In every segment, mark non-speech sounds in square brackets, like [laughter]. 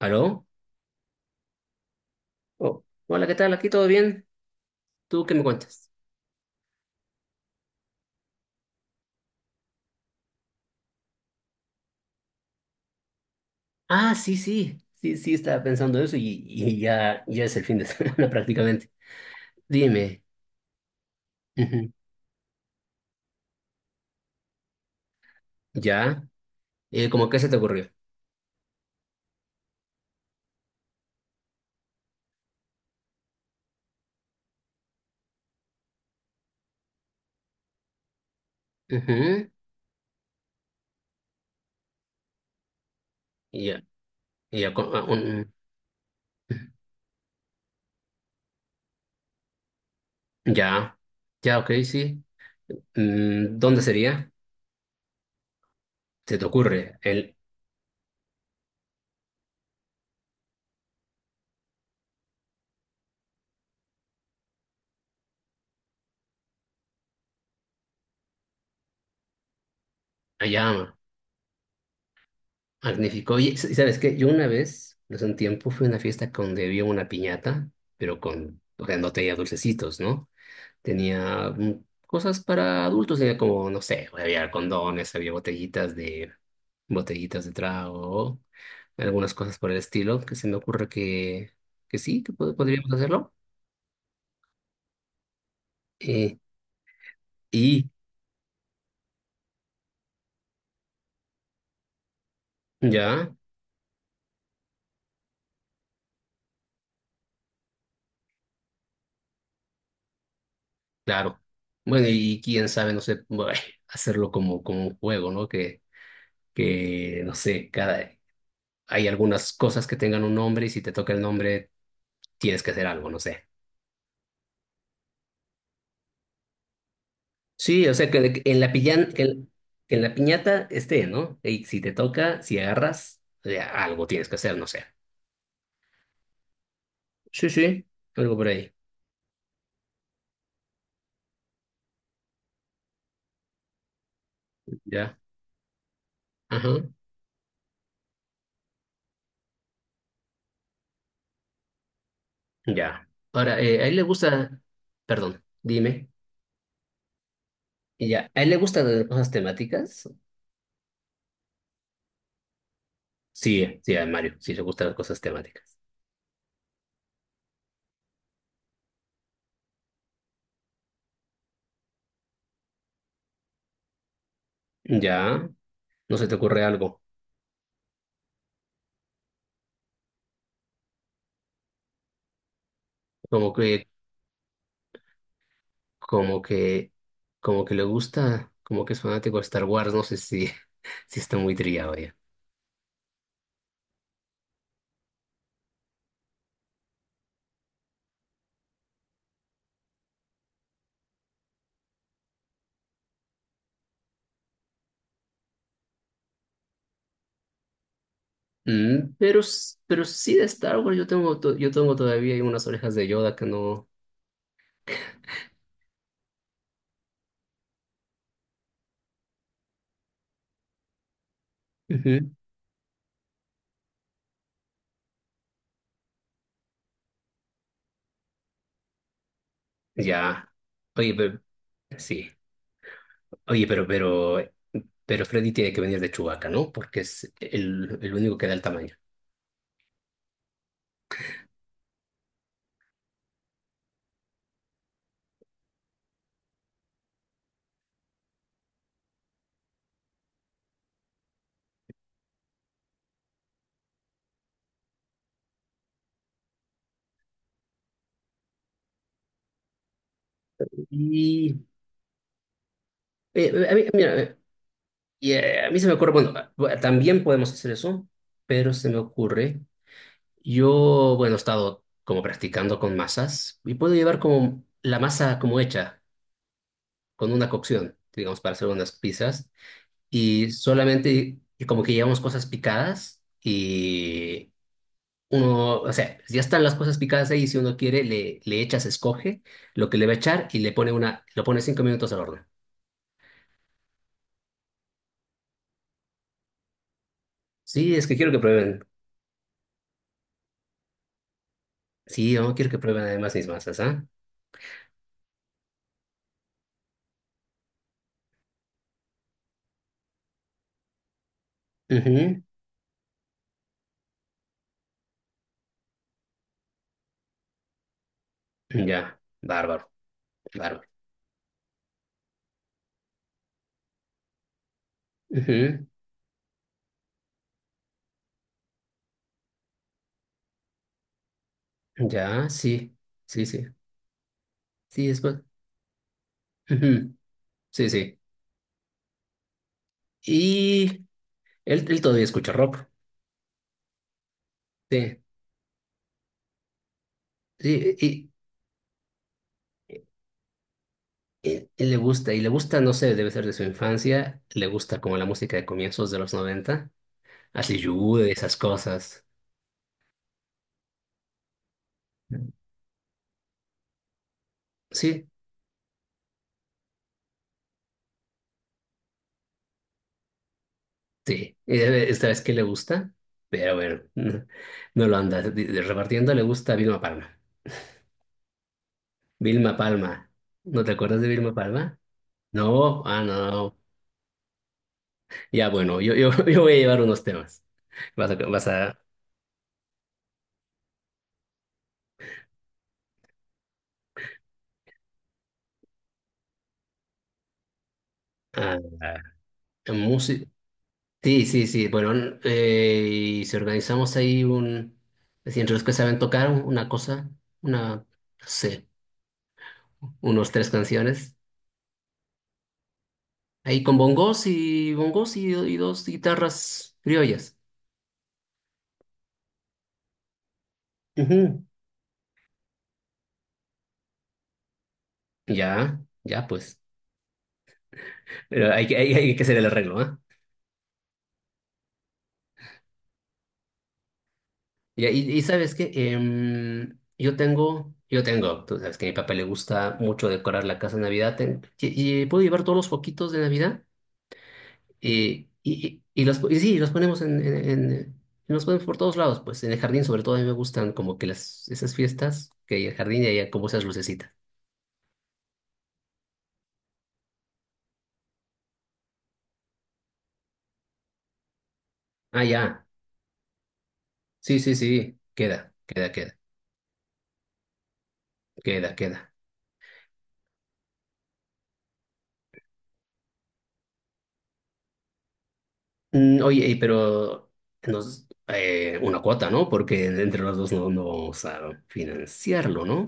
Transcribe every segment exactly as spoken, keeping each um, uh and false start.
¿Aló? Oh, hola, ¿qué tal? ¿Aquí todo bien? ¿Tú qué me cuentas? Ah, sí, sí, sí, sí, estaba pensando eso y, y ya, ya es el fin de [laughs] semana prácticamente. Dime, ujú, ¿ya? Eh, ¿cómo qué se te ocurrió? Ujú. Ya, ya, co- ah, un- ya, ya, ok, sí. Mm, ¿dónde sería? ¿Se te ocurre? El, allá, magnífico. Oye, s- ¿sabes qué? Yo una vez, hace un tiempo, fui a una fiesta donde había una piñata, pero con, o sea, no tenía dulcecitos, ¿no? Tenía mm, cosas para adultos, tenía como, no sé, había condones, había botellitas de, botellitas de trago, algunas cosas por el estilo, que se me ocurre que, que sí, que pod- podríamos hacerlo. Eh, y ya, claro. Bueno, y quién sabe, no sé, bueno, [laughs] hacerlo como, como un juego, ¿no? Que, que, no sé, cada, hay algunas cosas que tengan un nombre y si te toca el nombre tienes que hacer algo, no sé. Sí, o sea, que, que en la pillan, que, en que en la piñata esté, ¿no? Y si te toca, si agarras, o sea, algo tienes que hacer, no sé. Sí, sí, algo por ahí. Ya. Ajá. Ya. Ahora, eh, ¿a él le gusta, perdón, dime. Y ya, ¿a él le gustan las cosas temáticas? Sí, sí, a Mario, sí le gustan las cosas temáticas. Ya, ¿no se te ocurre algo? Como que, como que, como que le gusta, como que es fanático de Star Wars, no sé si, [laughs] si está muy trillado ya. Mm, pero, s- pero sí de Star Wars yo tengo, to- yo tengo todavía unas orejas de Yoda que no... Ujú. Ya. Oye, pero... Sí. Oye, pero, pero, pero Freddy tiene que venir de Chewbacca, ¿no? Porque es el, el único que da el tamaño. Y... eh, a mí, mira, eh, y, eh, a mí se me ocurre, bueno, eh, también podemos hacer eso, pero se me ocurre, yo, bueno, he estado como practicando con masas y puedo llevar como la masa como hecha, con una cocción, digamos, para hacer unas pizzas. Y solamente como que llevamos cosas picadas y uno, o sea, ya están las cosas picadas ahí, si uno quiere, le, le echas, escoge lo que le va a echar y le pone una, lo pone cinco minutos al horno. Sí, es que quiero que prueben. Sí, yo quiero que prueben además mis masas, ¿ah? Ujú. Ya, bárbaro, bárbaro. Ujú. Ya, sí, sí, sí, sí, después. Ujú. Sí, sí. Y él, él todavía escucha rock. Sí, sí, Él, él le gusta, y le gusta, no sé, debe ser de su infancia, le gusta como la música de comienzos de los noventa así Yude, esas cosas. Sí, sí, eh, esta vez que le gusta, pero bueno, no, no lo anda di- di- repartiendo, le gusta Vilma Palma. Vilma Palma, ¿no te acuerdas de Vilma Palma? No, ah, no. Ya bueno, yo, yo, [laughs] yo voy a llevar unos temas. Vas a, vas a, a, a música. Sí, sí, sí. Bueno, n- eh, y si organizamos ahí un... es decir, entre los que saben tocar una cosa, una, no sé, unos tres canciones. Ahí con bongos y bongos y, y dos guitarras criollas. Ujú. Ya, ya pues. Pero hay que, hay, hay que hacer el arreglo, ¿ah? Ya. Y, y sabes qué, Em, yo tengo, yo tengo, tú sabes que a mi papá le gusta mucho decorar la casa de Navidad. ten- y, y puedo llevar todos los foquitos de Navidad. Eh, Y, y, y, los, y sí, los ponemos en, en, en- los ponemos por todos lados, pues en el jardín. Sobre todo a mí me gustan como que las, esas fiestas que hay en el jardín y hay como esas lucecitas. Ah, ya. Sí, sí, sí, queda, queda, queda, queda, queda. Mm, oye, y pero nos, eh, una cuota, ¿no? Porque entre los dos no, no vamos a financiarlo, ¿no?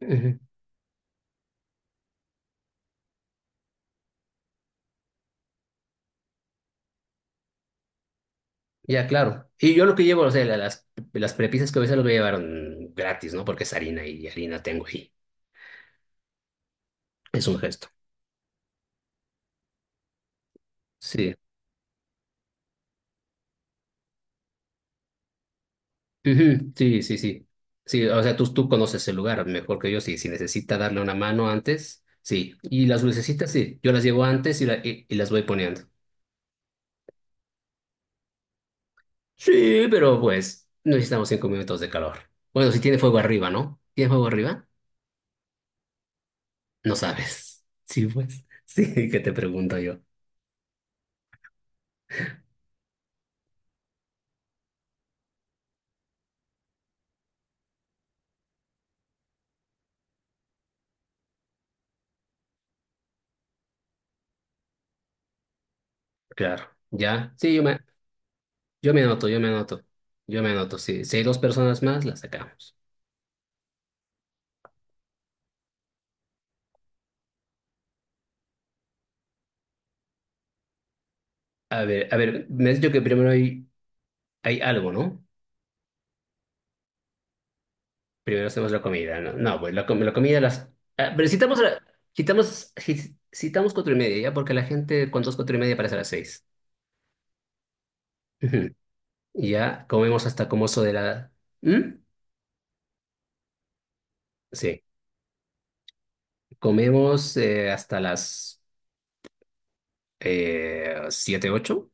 Ujú. Ya, claro. Y yo lo que llevo, o sea, la- las, las prepisas que a veces lo voy a llevar mm, gratis, ¿no? Porque es harina y harina tengo y es un gesto. Sí. Ujú. Sí, sí, sí. Sí, o sea, tú, tú conoces el lugar mejor que yo. Sí, si necesita darle una mano antes, sí. Y las lucecitas, sí. Yo las llevo antes y, la- y, y las voy poniendo. Sí, pero pues necesitamos cinco minutos de calor. Bueno, si tiene fuego arriba, ¿no? ¿Tiene fuego arriba? No sabes. [laughs] Sí, pues. Sí, que te pregunto yo. Claro. ¿Ya? Sí, yo me, yo me anoto, yo me anoto. Yo me anoto, sí. Si hay dos personas más, las sacamos. A ver, a ver, me has dicho que primero hay, hay algo, ¿no? Primero hacemos la comida, ¿no? No, pues la, com- la comida las... ah, pero citamos, a la- citamos, ci- citamos cuatro y media, ¿ya? Porque la gente cuando es cuatro y media parece a las seis. Ujú. Y ya comemos hasta como eso de la... ¿Mm? Sí, comemos eh, hasta las eh, siete, ocho.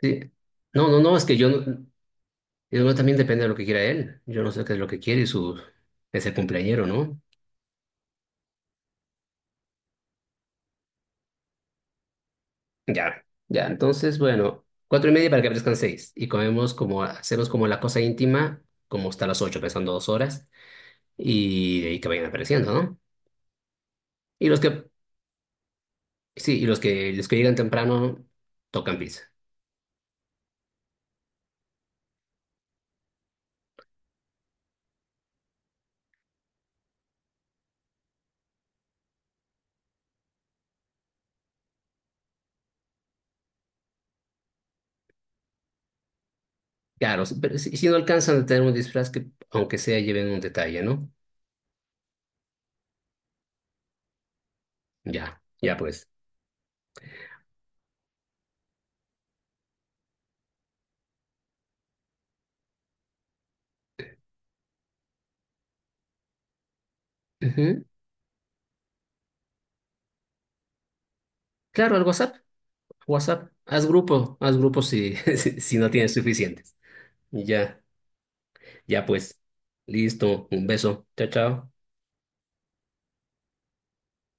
Sí. No, no, no, es que yo, no- yo no- también depende de lo que quiera él. Yo no sé qué es lo que quiere y su... Es el cumpleañero, ¿no? Ya, ya. Entonces, bueno, cuatro y media para que aparezcan seis. Y comemos como, hacemos como la cosa íntima, como hasta las ocho, pasando dos horas. Y de ahí que vayan apareciendo, ¿no? Y los que, sí, y los que, los que llegan temprano tocan pizza. Claro, si- pero si, si no alcanzan a tener un disfraz que, aunque sea, lleven un detalle, ¿no? Ya, ya pues. Ujú. Claro, al WhatsApp. WhatsApp. Haz grupo, haz grupo si, [laughs] si, si no tienes suficientes. Ya, ya pues. Listo. Un beso. Chao, chao.